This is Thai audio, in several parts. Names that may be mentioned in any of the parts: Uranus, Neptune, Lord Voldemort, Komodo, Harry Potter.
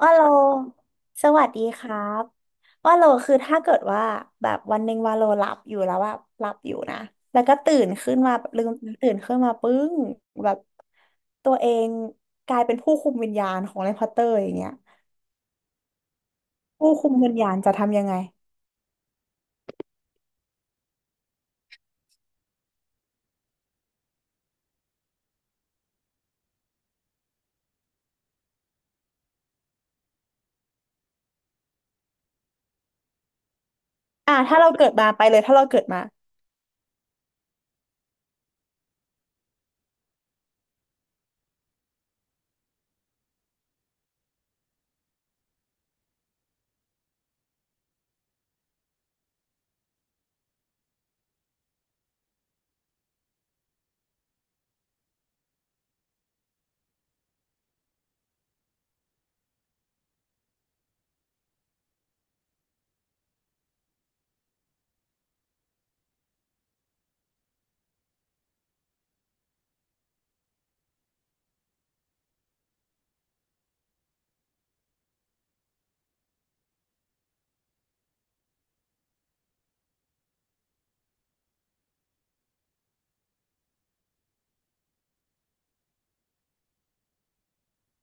ว่าโลสวัสดีครับว่าโลคือถ้าเกิดว่าแบบวันหนึ่งว่าโลหลับอยู่แล้วแบบหลับอยู่นะแล้วก็ตื่นขึ้นมาแบบลืมตื่นขึ้นมาปึ้งแบบตัวเองกลายเป็นผู้คุมวิญญาณของแฮร์รี่พอตเตอร์อย่างเงี้ยผู้คุมวิญญาณจะทำยังไงอ่ะถ้าเราเกิดมาไปเลยถ้าเราเกิดมา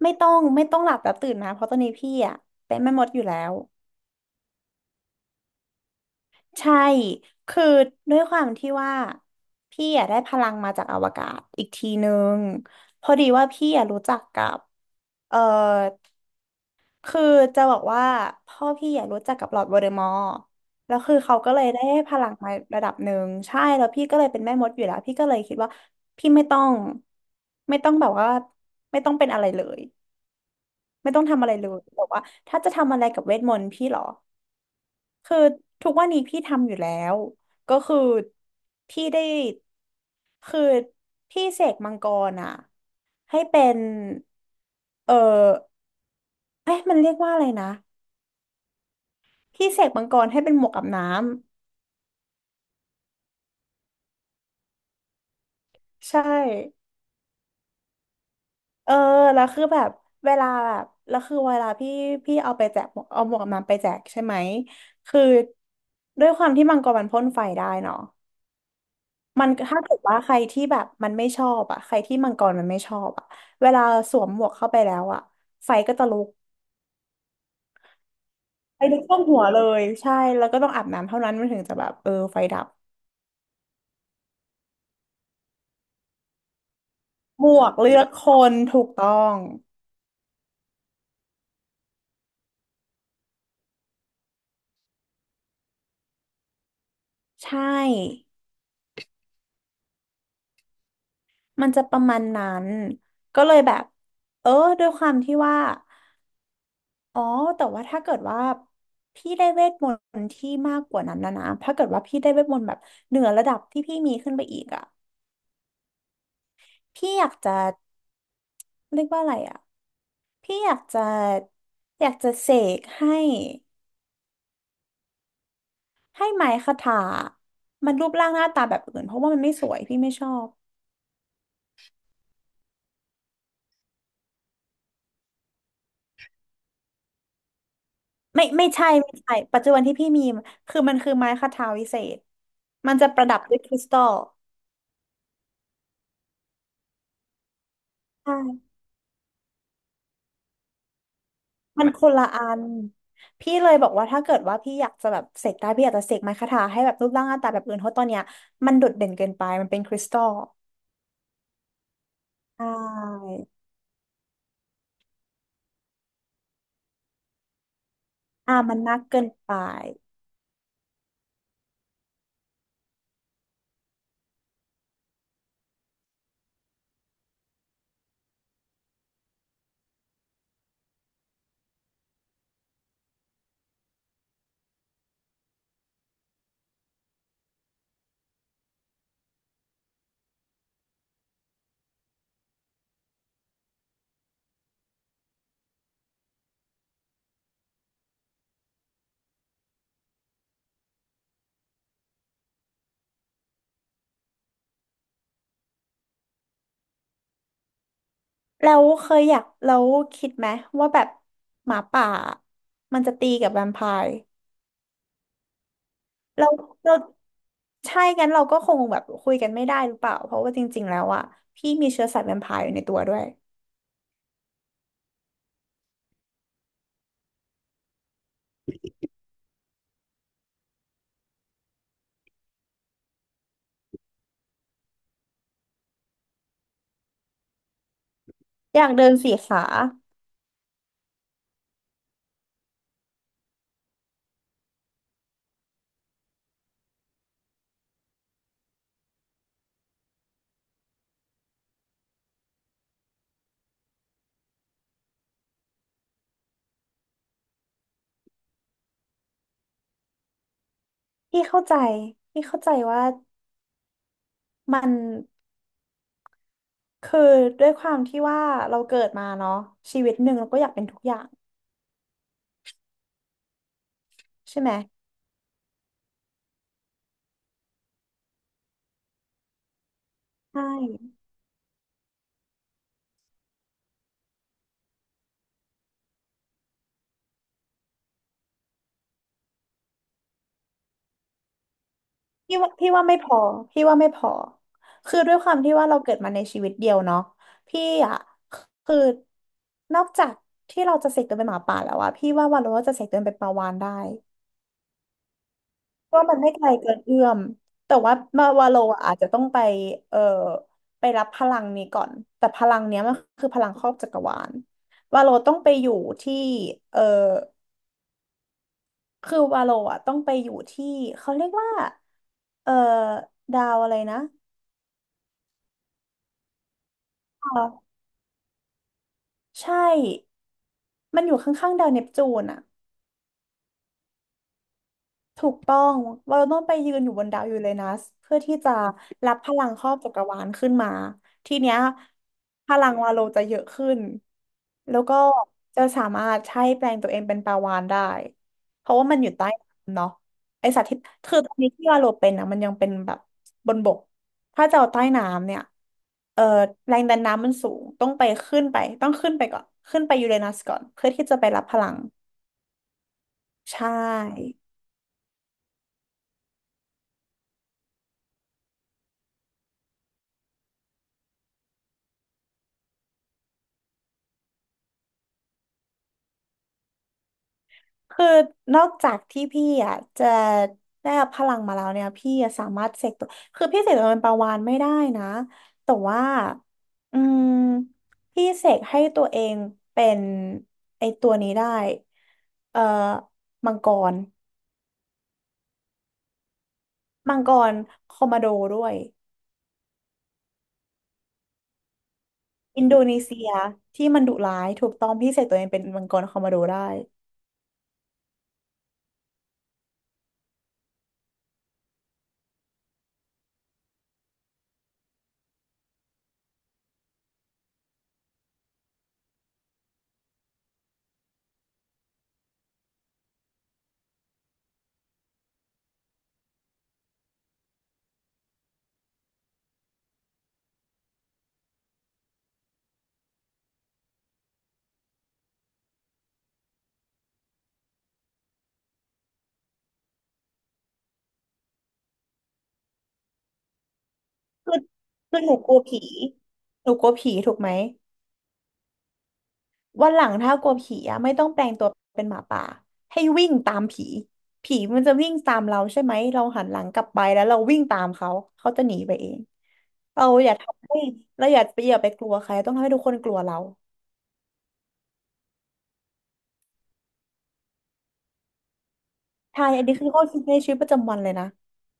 ไม่ต้องหลับแล้วตื่นนะเพราะตอนนี้พี่อ่ะเป็นแม่มดอยู่แล้ว ใช่ คือด้วยความที่ว่าพี่อะได้พลังมาจากอวกาศอีกทีนึงพอดีว่าพี่อะรู้จักกับเออคือจะบอกว่าพ่อพี่อะรู้จักกับลอร์ดโวลเดอมอร์แล้วคือเขาก็เลยได้ให้พลังมาระดับหนึ่งใช่แล้วพี่ก็เลยเป็นแม่มดอยู่แล้ว พี่ก็เลยคิดว่าพี่ไม่ต้องแบบว่าไม่ต้องเป็นอะไรเลย ไม่ต้องทำอะไรเลยบอกว่าถ้าจะทำอะไรกับเวทมนต์พี่เหรอ คือทุกวันนี้พี่ทำอยู่แล้วก็คือพี่ได้คือพี่เสกมังกรอ่ะให้เป็นเออเอ๊ะมันเรียกว่าอะไรนะพี่เสกมังกรให้เป็นหมวกกับน้ำใช่เออแล้วคือแบบเวลาแบบแล้วคือเวลาพี่พี่เอาไปแจกหมวกเอาหมวกกับน้ำไปแจกใช่ไหมคือด้วยความที่มังกรมันพ่นไฟได้เนาะ มันถ้าเกิดว่าใครที่แบบมันไม่ชอบอ่ะใครที่มังกรมันไม่ชอบอ่ะเวลาสวมหมวกเข้าไปแล้วอ่ะไฟก็จะลุกไฟลุกท่วมหัวเลยใช่แล้วก็ต้องอาบน้ำเท่านั้นมันถึงจะแบบเออไฟดับหมวกเลือกคนถูกต้องใช่มันจะประมาณนั้นก็เลยแบบเออด้วยความที่ว่าอ๋อแต่ว่าถ้าเกิดว่าพี่ได้เวทมนต์ที่มากกว่านั้นนะนะถ้าเกิดว่าพี่ได้เวทมนต์แบบเหนือระดับที่พี่มีขึ้นไปอีกอ่ะพี่อยากจะเรียกว่าอะไรอ่ะ พี่อยากจะเสกให้ให้ไม้คทามันรูปร่างหน้าตาแบบอื่นเพราะว่ามันไม่สวยพี่ไม่ชอบไม่ใช่ไม่ใช่ปัจจุบันที่พี่มีคือมันคือไม้คทาวิเศษมันจะประดับด้วยคริสตัลใช่มันคนละอันพี่เลยบอกว่าถ้าเกิดว่าพี่อยากจะแบบเสกได้พี่อยากจะเสกไม้คทาให้แบบรูปร่างหน้าตาแบบอื่นเพราะตอนเนี้ยมันโดดเด่นเกินไปมันเป็นคริสตัลใช่อ่ามันนักเกินไป แล้วเคยอยากแล้วคิดไหมว่าแบบหมาป่ามันจะตีกับแวมไพร์เราเราใช่กันเราก็คงแบบคุยกันไม่ได้หรือเปล่าเพราะว่าจริงๆแล้วอ่ะพี่มีเชื้อสายแวมไพร์อยู่ในตัวด้วยอยากเดินสี่ขาพี่เข้าใจพี่เข้าใจว่ามันคือด้วยความที่ว่าเราเกิดมาเนาะชีวิตหนึ่งเราก็อยากเป็นทุกอย่างใช่ไหมใช่ พี่ว่าไม่พอพี่ว่าไม่พอคือด้วยความที่ว่าเราเกิดมาในชีวิตเดียวเนาะพี่อ่ะคือนอกจากที่เราจะเสกตัวเป็นหมาป่าแล้วอะพี่ว่าวาโลจะเสกตัวเป็นปลาวาฬได้เพราะว่ามันไม่ไกลเกินเอื้อมแต่ว่ามาวาโลอะอาจจะต้องไปเอ่อไปรับพลังนี้ก่อนแต่พลังเนี้ยมันคือพลังครอบจักรวาลวาโลต้องไปอยู่ที่เอ่อคือวาโลอะต้องไปอยู่ที่เขาเรียกว่าเอ่อดาวอะไรนะ ใช่ มันอยู่ข้างๆดาวเนปจูนอะ ถูกต้องเราต้องไปยืนอยู่บนดาวยูเรนัสเพื่อที่จะรับพลังครอบจักรวาลขึ้นมาทีเนี้ยพลังวาโลจะเยอะขึ้นแล้วก็จะสามารถใช้แปลงตัวเองเป็นปลาวาฬได้เพราะว่ามันอยู่ใต้น้ำเนาะไอสัตว์ที่คือตอนนี้ที่วาโลเป็นนะมันยังเป็นแบบบนบกถ้าจะเอาใต้น้ำเนี่ยเอ่อแรงดันน้ำมันสูงต้องไปขึ้นไปต้องขึ้นไปก่อนขึ้นไปยูเรนัสก่อนเพื่อที่จะไปรับพลังใช่ คือนอกจากที่พี่อ่ะจะได้รับพลังมาแล้วเนี่ยพี่อะสามารถเสกตัวคือพี่เสกตัวเป็นปลาวาฬไม่ได้นะแต่ว่าอืมพี่เสกให้ตัวเองเป็นไอตัวนี้ได้เอ่อมังกรมังกรคอมมาโดด้วยอินโดนีเซียที่มันดุร้ายถูกต้องพี่เสกตัวเองเป็นมังกรคอมมาโดได้คือคือหนูกลัวผีหนูกลัวผีถูกไหม วันหลังถ้ากลัวผีอะไม่ต้องแปลงตัวเป็นหมาป่าให้วิ่งตามผีผีมันจะวิ่งตามเราใช่ไหมเราหันหลังกลับไปแล้วเราวิ่งตามเขาเขาจะหนีไปเองเราอย่าทำให้เราอย่าไปกลัวใครต้องทำให้ทุกคนกลัวเราใช่อันนี้คือข้อคิดในชีวิตประจำวันเลยนะ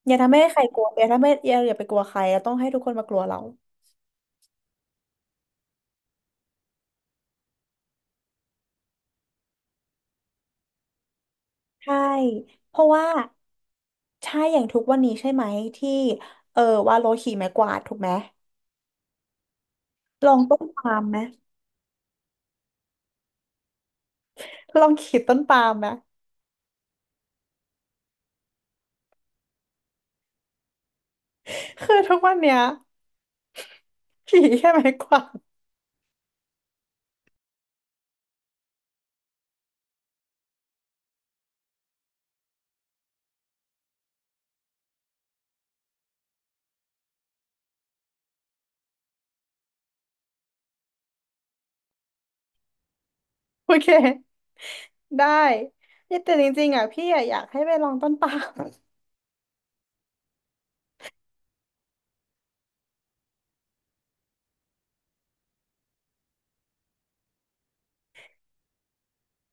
อย่าทำให้ใครกลัวอย่าทำให้อย่าไปกลัวใครเราต้องให้ทุกคนมากลัวเราใช่เพราะว่าใช่อย่างทุกวันนี้ใช่ไหมที่เออว่าโลขี่ไม้กวาดถูกไหมลองต้นปาล์มไหมลองขีดต้นปาล์มไหม คือทุกวันเนี้ยผีแค่ไม้กวาดโอเคได้เนี่ยแต่จริงๆอ่ะพี่อะอยากให้ไปลองต้นปาล์ม